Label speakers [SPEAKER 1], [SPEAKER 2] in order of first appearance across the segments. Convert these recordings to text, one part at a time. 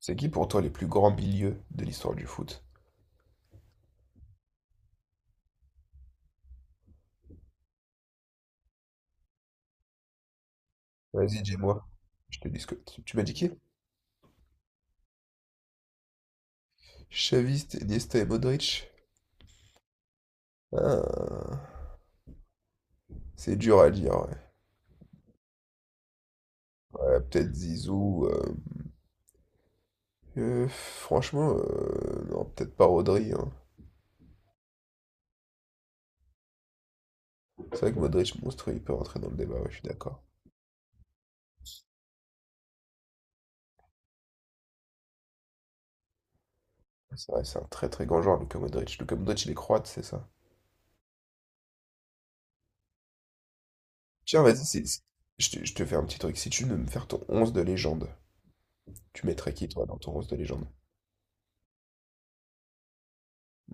[SPEAKER 1] C'est qui pour toi les plus grands milieux de l'histoire du foot? Vas-y, dis-moi. Je te dis ce que... Tu m'as dit qui? Xavi, Iniesta et Modric? Ah, c'est dur à dire, ouais. Ouais, peut-être Zizou. Franchement, non, peut-être pas Rodri, hein. C'est vrai que Modric, monstre, il peut rentrer dans le débat, ouais, je suis d'accord. C'est vrai, c'est un très très grand joueur, Luka Modric. Luka Modric, il est croate, c'est ça. Tiens, vas-y, je te fais un petit truc. Si tu veux me faire ton 11 de légende, tu mettrais qui, toi, dans ton 11 de légende?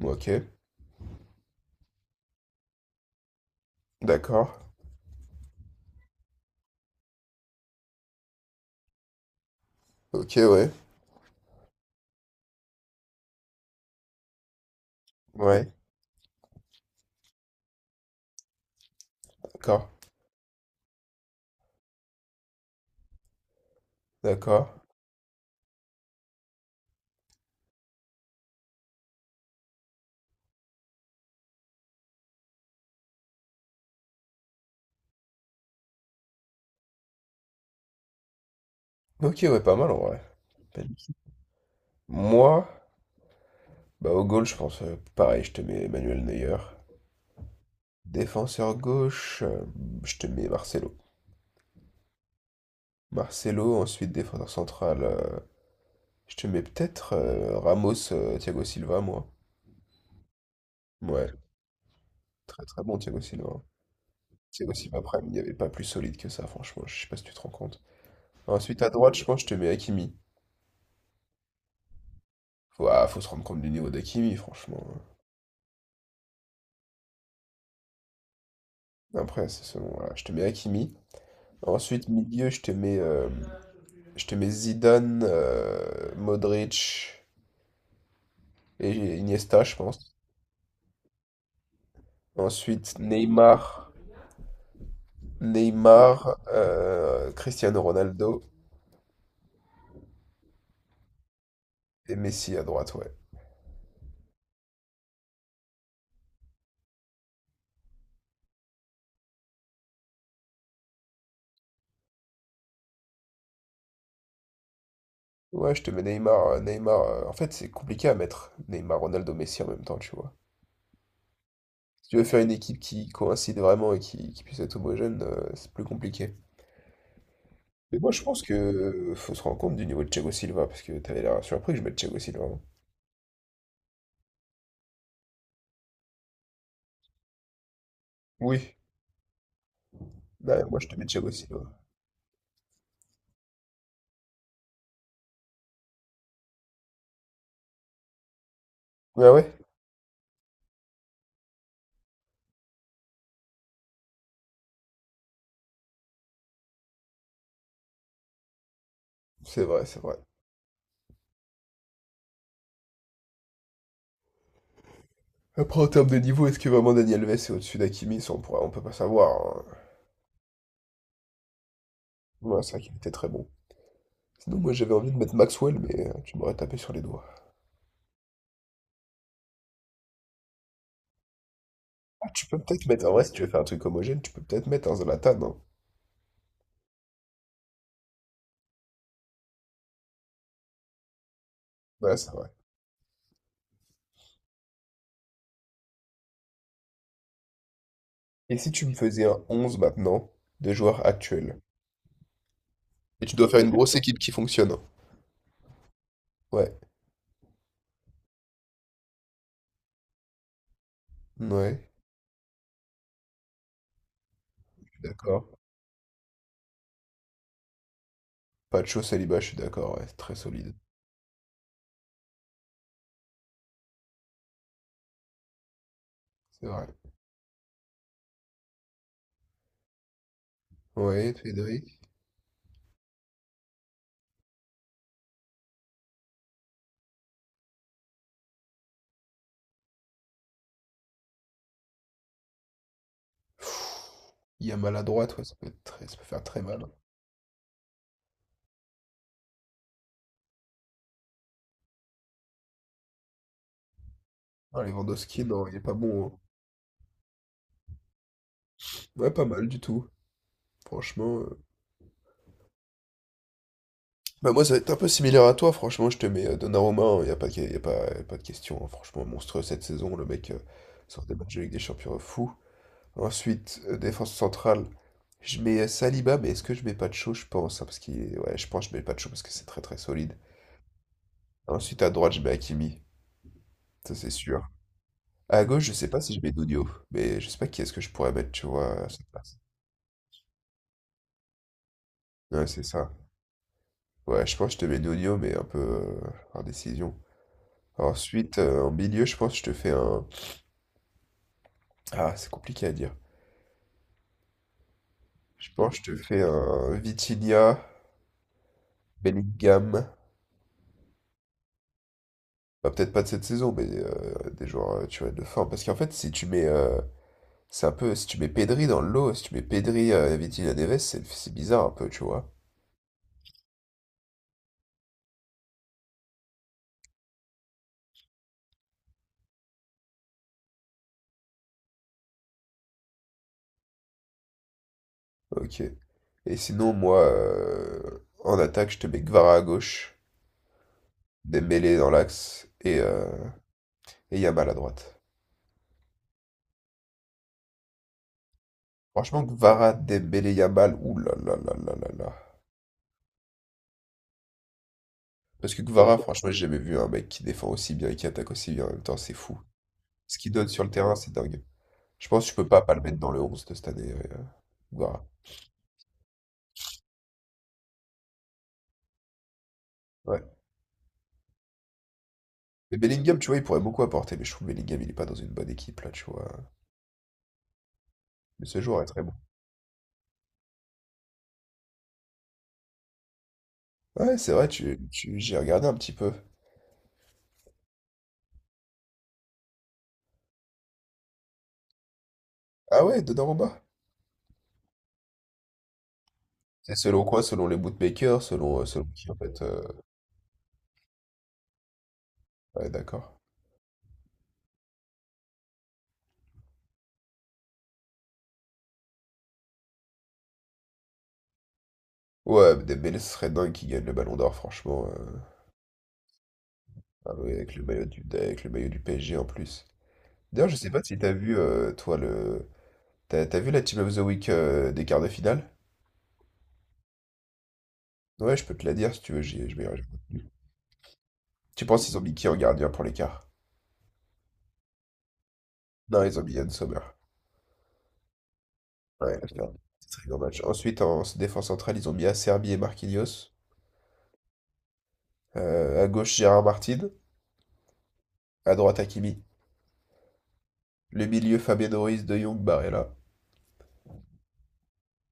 [SPEAKER 1] Ok, d'accord. Ok, ouais. Ouais, d'accord. D'accord. Ok, ouais, pas mal en vrai. Pas de- Moi, bah au goal, je pense pareil, je te mets Manuel Neuer. Défenseur gauche, je te mets Marcelo. Marcelo, ensuite défenseur central, je te mets peut-être Ramos, Thiago Silva, moi. Ouais, très très bon Thiago Silva. Thiago Silva Prime, il n'y avait pas plus solide que ça, franchement, je sais pas si tu te rends compte. Ensuite, à droite, je pense que je te mets Hakimi. Faut, ah, faut se rendre compte du niveau d'Hakimi, franchement. Après, c'est selon, voilà, je te mets Hakimi. Ensuite, milieu, je te mets Zidane, Modric et Iniesta, je pense. Ensuite, Neymar, Cristiano Ronaldo et Messi à droite, ouais. Ouais, je te mets Neymar, en fait, c'est compliqué à mettre Neymar, Ronaldo, Messi en même temps, tu vois. Si tu veux faire une équipe qui coïncide vraiment et qui puisse être homogène, c'est plus compliqué. Mais moi, je pense que faut se rendre compte du niveau de Thiago Silva, parce que t'avais l'air surpris que je mette Thiago Silva, hein. Oui. Ouais, moi, je te mets Thiago Silva. Ah ouais? C'est vrai, c'est vrai. Après, en termes de niveau, est-ce que vraiment Daniel Alves est au-dessus d'Hakimi? Ça, on pourrait, on peut pas savoir, hein. Ouais, c'est vrai qu'il était très bon. Sinon, moi, j'avais envie de mettre Maxwell, mais tu m'aurais tapé sur les doigts. Ah, tu peux peut-être mettre, en vrai, si tu veux faire un truc homogène, tu peux peut-être mettre un Zlatan, hein. Ouais, c'est vrai. Et si tu me faisais un 11 maintenant de joueurs actuels? Et tu dois faire une grosse équipe qui fonctionne, hein. Ouais, ouais, je suis d'accord. Pacho, Saliba, je suis d'accord, ouais, c'est très solide. C'est vrai. Ouais, Pedri. Il y a mal à droite, ouais, ça peut être très, ça peut faire très mal, hein. Ah, Lewandowski, non, il est pas bon, hein. Ouais, pas mal du tout, franchement. Bah moi, ça va être un peu similaire à toi, franchement, je te mets Donnarumma, il n'y a pas de, y a pas de question, hein. Franchement, monstrueux cette saison, le mec sort des matchs de Ligue des Champions fou. Ensuite, défense centrale, je mets Saliba, mais est-ce que je mets pas de chaud, je pense, hein, parce qu'il est... Ouais, je pense que je mets pas de chaud parce que c'est très très solide. Ensuite, à droite, je mets Hakimi, ça c'est sûr. À gauche, je sais pas si je mets Nuno, mais je sais pas qui est-ce que je pourrais mettre, tu vois, à cette place. Ouais, c'est ça. Ouais, je pense que je te mets Nuno, mais un peu par décision. Ensuite, en milieu, je pense que je te fais un. Ah, c'est compliqué à dire. Je pense que je te fais un Vitinha, Bellingham. Bah, peut-être pas de cette saison, mais des joueurs, tu vois, de forme. Parce qu'en fait, si tu mets. C'est un peu. Si tu mets Pedri dans le lot, si tu mets Pedri, Vitinha, Neves, c'est bizarre un peu, tu vois. Ok. Et sinon, moi, en attaque, je te mets Gvara à gauche, Dembélé dans l'axe et, Yamal à droite. Franchement, Kvara, Dembélé, Yamal, ouh là là là là là là. Parce que Kvara, franchement, j'ai jamais vu un mec qui défend aussi bien et qui attaque aussi bien en même temps, c'est fou. Ce qu'il donne sur le terrain, c'est dingue. Je pense que je peux pas pas le mettre dans le 11 de cette année, ouais, Kvara. Ouais. Mais Bellingham, tu vois, il pourrait beaucoup apporter, mais je trouve que Bellingham, il est pas dans une bonne équipe, là, tu vois. Mais ce joueur est très bon. Ouais, c'est vrai, j'ai regardé un petit peu. Ah ouais, Donnarumma. C'est selon quoi? Selon les bootmakers, selon, selon qui, en fait. Ouais, d'accord. Ouais, Dembélé, ce serait dingue qu'il gagne le ballon d'or, franchement. Ah oui, avec le maillot du, avec le maillot du PSG en plus. D'ailleurs, je sais pas si t'as vu, toi, le. T'as, t'as vu la Team of the Week des quarts de finale? Ouais, je peux te la dire si tu veux, j'ai, je j'ai retenu. Tu penses qu'ils ont mis qui en gardien pour les quarts? Non, ils ont mis Yann Sommer. Ouais, la merde. Très grand match. Ensuite, en défense centrale, ils ont mis Acerbi et Marquinhos. À gauche, Gérard Martin. À droite, Hakimi. Le milieu, Fabien Ruiz, De Jong, Barella.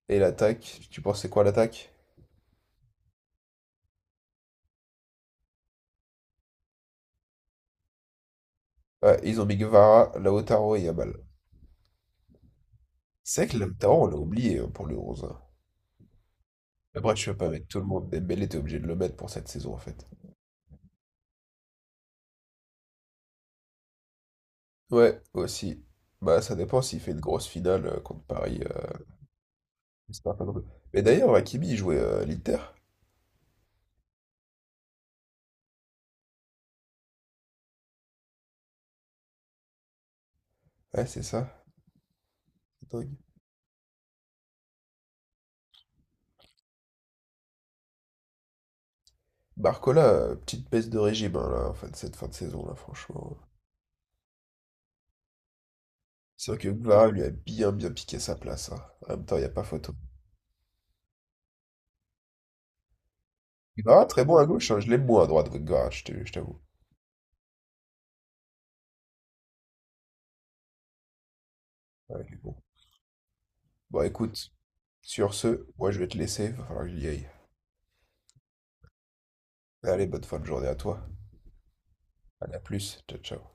[SPEAKER 1] Et l'attaque, tu penses c'est quoi l'attaque? Ouais, ils ont mis Guevara, Lautaro et Yamal. C'est vrai que Lautaro, on l'a oublié hein, pour le 11, hein. Après, tu vas pas mettre tout le monde. Dembélé, t'es obligé de le mettre pour cette saison, en fait. Ouais, aussi. Bah, ça dépend s'il fait une grosse finale contre Paris. J'espère pas non plus. Mais d'ailleurs, Hakimi, il jouait à l'Inter. Ouais, c'est ça. C'est dingue. Barcola, petite baisse de régime, hein, là, en fait, cette fin de saison, là, franchement. C'est vrai que Guevara lui a bien, bien piqué sa place, hein. En même temps, il n'y a pas photo. Guevara, très bon à gauche, hein, je l'aime moins à droite, Guevara, je t'avoue. Ouais, mais bon. Bon, écoute, sur ce, moi, je vais te laisser, va falloir que j'y aille. Allez, bonne fin de journée à toi. Allez, à plus. Ciao, ciao.